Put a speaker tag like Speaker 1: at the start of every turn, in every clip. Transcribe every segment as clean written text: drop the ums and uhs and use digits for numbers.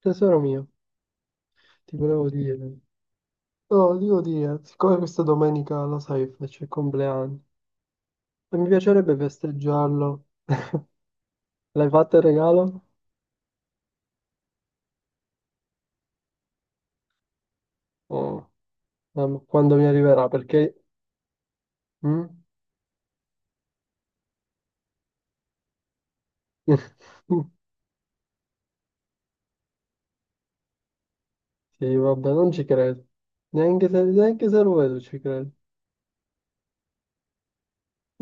Speaker 1: Tesoro mio, ti volevo dire, no, ti volevo dire, siccome questa domenica lo sai, c'è il compleanno e mi piacerebbe festeggiarlo. L'hai fatto il regalo? Oh, mamma, quando mi arriverà? Perché... Mm? Sì, vabbè, non ci credo. Neanche se lo vedo ci credo.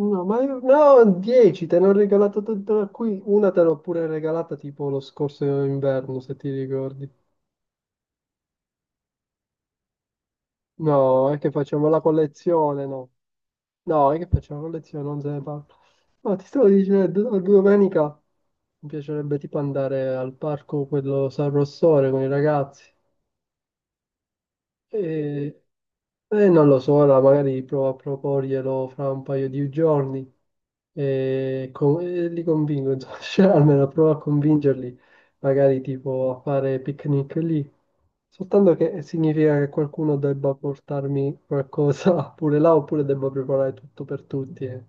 Speaker 1: No, no, 10, te ne ho regalato tutta qui, una te l'ho pure regalata tipo lo scorso inverno, se ti ricordi. No, è che facciamo la collezione, no. No, è che facciamo lezione, non se ne parla. Ma ti stavo dicendo, domenica mi piacerebbe tipo andare al parco, quello San Rossore con i ragazzi. Non lo so, allora magari provo a proporglielo fra un paio di giorni e, e li convinco, insomma, cioè, almeno provo a convincerli, magari tipo a fare picnic lì. Soltanto che significa che qualcuno debba portarmi qualcosa pure là oppure debba preparare tutto per tutti e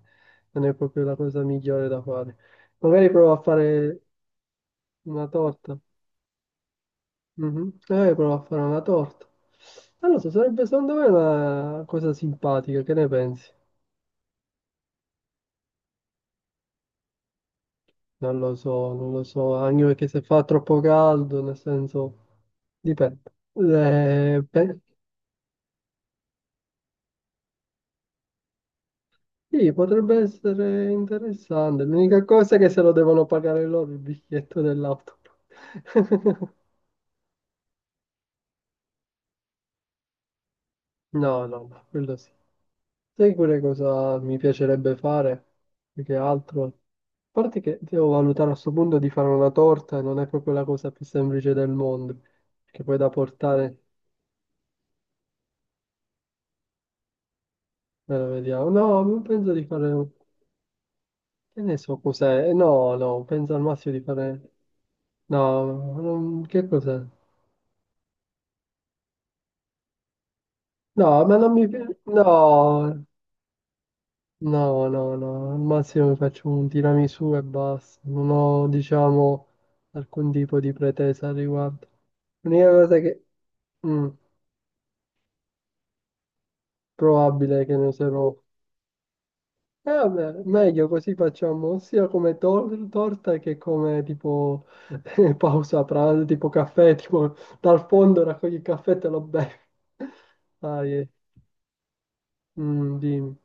Speaker 1: non è proprio la cosa migliore da fare. Magari provo a fare una torta. Mhm. Prova a fare una torta. Non lo so, sarebbe secondo me una cosa simpatica, che ne pensi? Non lo so, non lo so, anche perché se fa troppo caldo, nel senso, dipende. Eh, pe- sì, potrebbe essere interessante. L'unica cosa è che se lo devono pagare loro il biglietto dell'auto. No, no, no, quello sì. Sai pure cosa mi piacerebbe fare? Più che altro. A parte che devo valutare a sto punto di fare una torta e non è proprio la cosa più semplice del mondo. Che poi da portare, me la vediamo. No, ma penso di fare... Che ne so cos'è? No, no, penso al massimo di fare... No, che cos'è? No, ma non mi piace... No, no, no, no, al massimo mi faccio un tiramisù e basta, non ho, diciamo, alcun tipo di pretesa al riguardo. L'unica cosa che mm, probabile che ne userò. E vabbè, meglio così facciamo sia come torta che come tipo pausa pranzo, tipo caffè, tipo dal fondo raccogli il caffè e te lo bevi. Dai, eh. Mm, dimmi.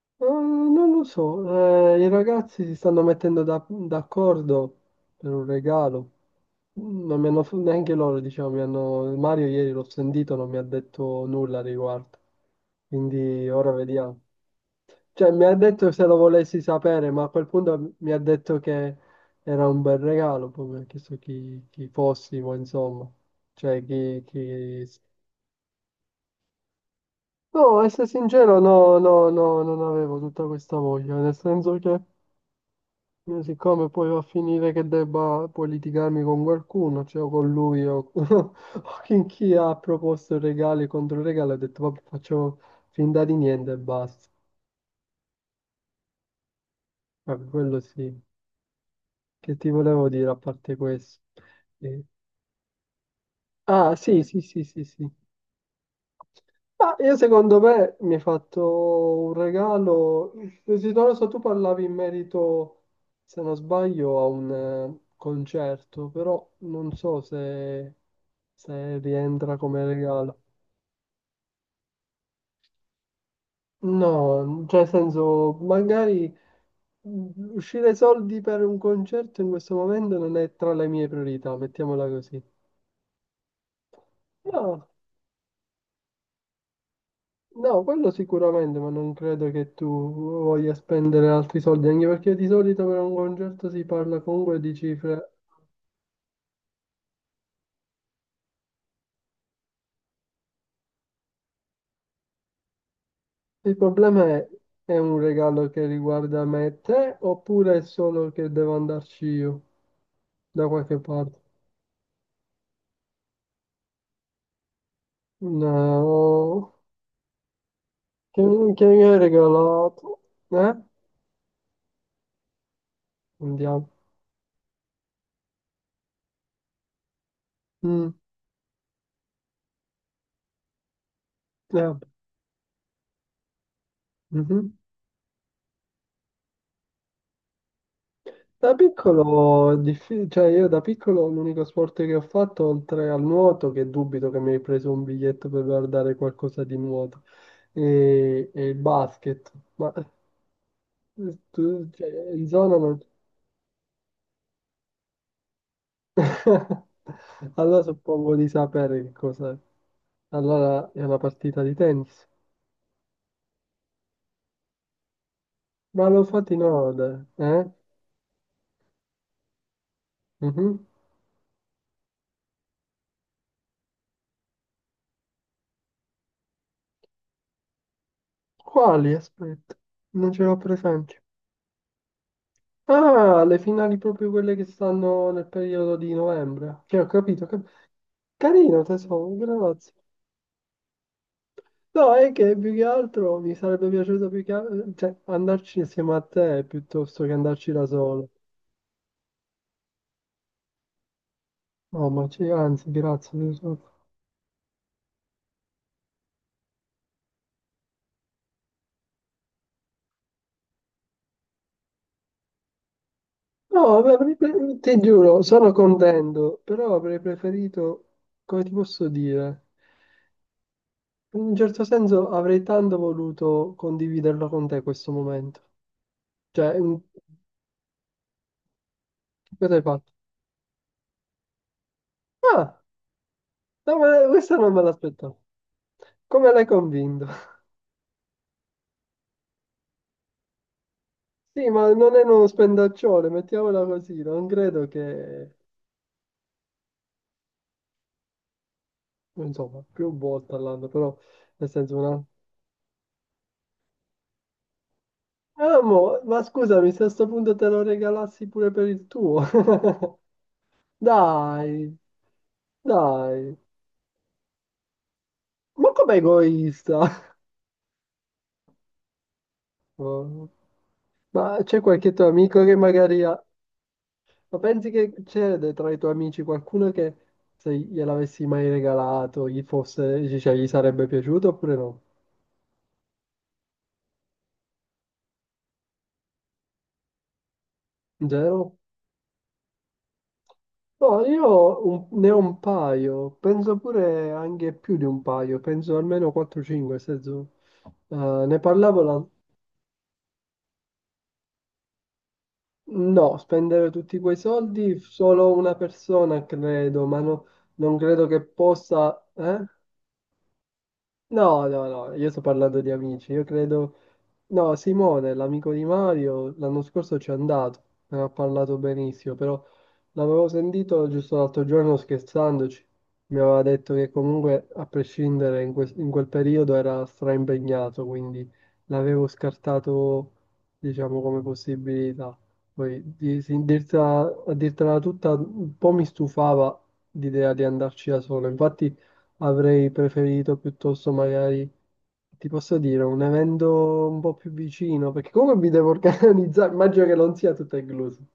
Speaker 1: Non lo so, i ragazzi si stanno mettendo d'accordo per un regalo. Non mi hanno, neanche loro, diciamo, Mario ieri l'ho sentito, non mi ha detto nulla al riguardo. Quindi ora vediamo. Cioè, mi ha detto se lo volessi sapere, ma a quel punto mi ha detto che era un bel regalo, poi mi ha chiesto chi, fossimo, insomma. Cioè, chi, chi... No, essere sincero, no, no, no, non avevo tutta questa voglia, nel senso che... Io siccome poi va a finire che debba poi litigarmi con qualcuno, cioè o con lui o, o con chi ha proposto regali contro regali, ho detto vabbè faccio finta di niente e basta. Vabbè, quello sì, che ti volevo dire a parte questo. Eh, Ah sì, sì, sì, sì, sì. Ma io secondo me mi hai fatto un regalo. Desiderato, tu parlavi in merito, se non sbaglio, a un concerto, però non so se, se rientra come regalo. No, cioè nel senso, magari uscire soldi per un concerto in questo momento non è tra le mie priorità, mettiamola così. No. No, quello sicuramente, ma non credo che tu voglia spendere altri soldi, anche perché di solito per un concerto si parla comunque di cifre. Il problema è un regalo che riguarda me e te, oppure è solo che devo andarci io da qualche parte? No, che, che mi hai regalato? Eh? Andiamo. Mm, eh, mhm. Da piccolo, è diffi- cioè io da piccolo l'unico sport che ho fatto, oltre al nuoto, che dubito che mi hai preso un biglietto per guardare qualcosa di nuoto, e il basket. Ma tu, cioè, in zona non... Allora suppongo di sapere che cos'è. Allora è una partita di tennis. Ma lo fate in ode, eh? Mhm. Quali? Aspetta, non ce l'ho presente. Ah, le finali proprio quelle che stanno nel periodo di novembre. Che ho capito, carino, tesoro, grazie. No, è che più che altro mi sarebbe piaciuto più che cioè, andarci insieme a te piuttosto che andarci da solo. No, ma c'è, anzi, grazie, tesoro. No, vabbè, ti giuro, sono contento, però avrei preferito, come ti posso dire, in un certo senso avrei tanto voluto condividerlo con te questo momento. Cioè, cosa hai fatto? Ah, no, ma questa non me l'aspettavo. Come l'hai convinto? Sì, ma non è uno spendaccione, mettiamola così, non credo che... Insomma, più volte all'anno, però, nel senso una... Ah, mo, ma scusami, se a sto punto te lo regalassi pure per il tuo. Dai, dai. Ma com'è egoista? Oh. Ma c'è qualche tuo amico che magari ha... Ma pensi che c'è tra i tuoi amici qualcuno che se gliel'avessi mai regalato gli fosse, cioè, gli sarebbe piaciuto oppure no? Zero? No, io ne ho un paio, penso pure anche più di un paio, penso almeno 4-5, nel senso, eh, ne parlavo la... No, spendere tutti quei soldi solo una persona, credo, ma no, non credo che possa... Eh? No, no, no, io sto parlando di amici, io credo no, Simone, l'amico di Mario, l'anno scorso ci è andato, ne ha parlato benissimo, però l'avevo sentito giusto l'altro giorno scherzandoci, mi aveva detto che comunque a prescindere in quel periodo era straimpegnato, quindi l'avevo scartato diciamo come possibilità. Poi a dirtela tutta un po' mi stufava l'idea di andarci da solo, infatti avrei preferito piuttosto magari, ti posso dire, un evento un po' più vicino, perché comunque mi devo organizzare, immagino che non sia tutto incluso.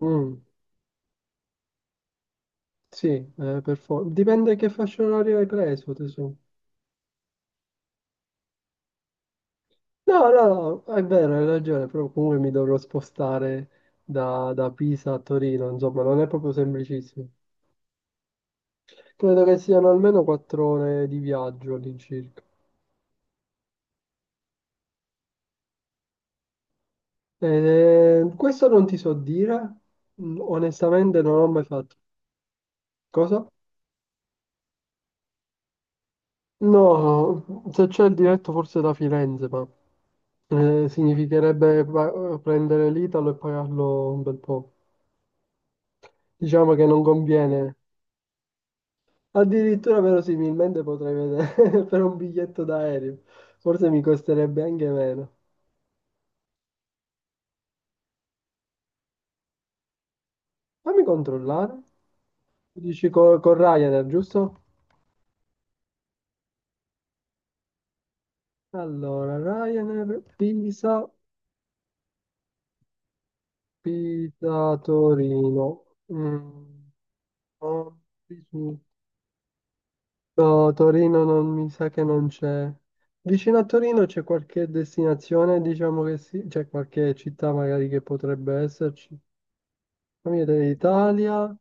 Speaker 1: Mm. Sì, per dipende che fascia oraria hai preso, tesoro. No, no, no, è vero, hai ragione, però comunque mi dovrò spostare da Pisa a Torino, insomma, non è proprio semplicissimo. Credo che siano almeno 4 ore di viaggio all'incirca. Questo non ti so dire, mm, onestamente non ho mai fatto. Cosa? No, se c'è il diretto forse da Firenze, ma significherebbe prendere l'Italo e pagarlo un bel po'. Diciamo che non conviene. Addirittura verosimilmente potrei vedere per un biglietto d'aereo. Forse mi costerebbe anche meno. Fammi controllare. Dici con, Ryanair, giusto? Allora, Ryanair, Pisa, Torino. Mm, no, Pisa- no, Torino non mi sa che non c'è. Vicino a Torino c'è qualche destinazione, diciamo che sì, c'è qualche città magari che potrebbe esserci. Famiglia dell'Italia.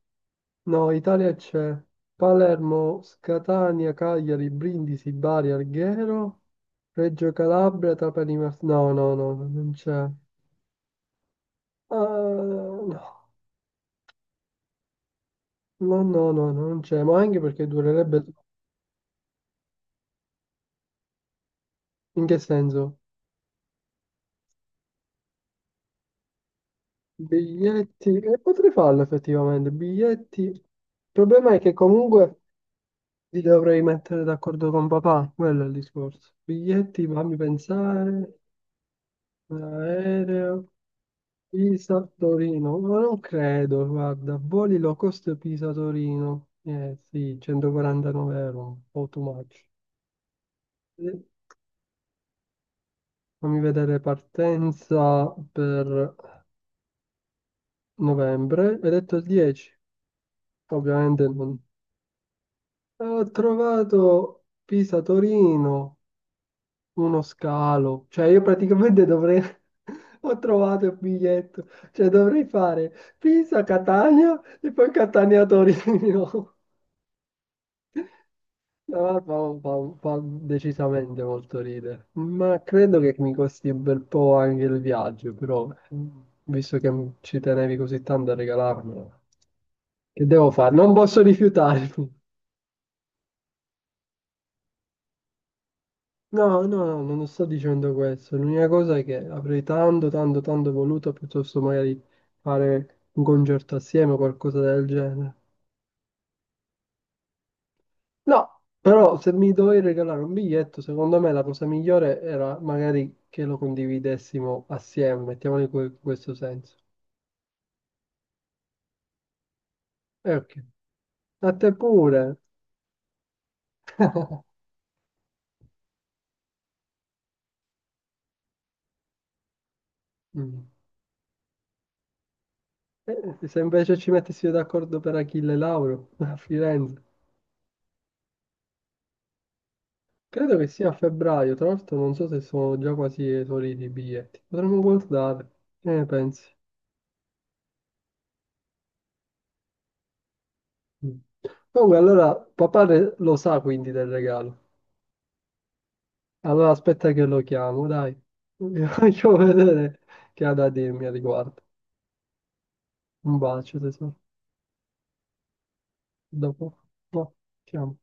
Speaker 1: No, Italia c'è Palermo, Catania, Cagliari, Brindisi, Bari, Alghero, Reggio Calabria, Trapani, no, no, no, no, non c'è. Ah, no, no, no, no, no, non c'è, ma anche perché durerebbe... In che senso? Biglietti... E potrei farlo effettivamente, biglietti... Il problema è che comunque li dovrei mettere d'accordo con papà, quello è il discorso. Biglietti, fammi pensare, aereo... Pisa-Torino, ma non credo, guarda, voli low cost Pisa-Torino, eh sì, 149 euro, un po' too much. Eh, Fammi vedere partenza per novembre, hai detto il 10, ovviamente non. Ho trovato Pisa-Torino, uno scalo, cioè io praticamente dovrei, ho trovato il biglietto, cioè dovrei fare Pisa-Catania e poi Catania-Torino. No, fa decisamente molto ridere, ma credo che mi costi un bel po' anche il viaggio, però mm, visto che ci tenevi così tanto a regalarmelo, che devo fare? Non posso rifiutarmi. No, no, no, non sto dicendo questo. L'unica cosa è che avrei tanto, tanto, tanto voluto piuttosto magari fare un concerto assieme o qualcosa del genere. No, però se mi dovevi regalare un biglietto, secondo me la cosa migliore era magari che lo condividessimo assieme, mettiamolo in questo senso. E ok, a te pure. Mm. Se invece ci mettessimo d'accordo per Achille Lauro a Firenze, credo che sia a febbraio, tra l'altro non so se sono già quasi esauriti i biglietti, potremmo guardare, che ne pensi? Mm. Comunque allora papà lo sa quindi del regalo. Allora aspetta che lo chiamo, dai. Vi faccio vedere che ha da dirmi a riguardo. Un bacio, tesoro. Dopo. No, chiamo.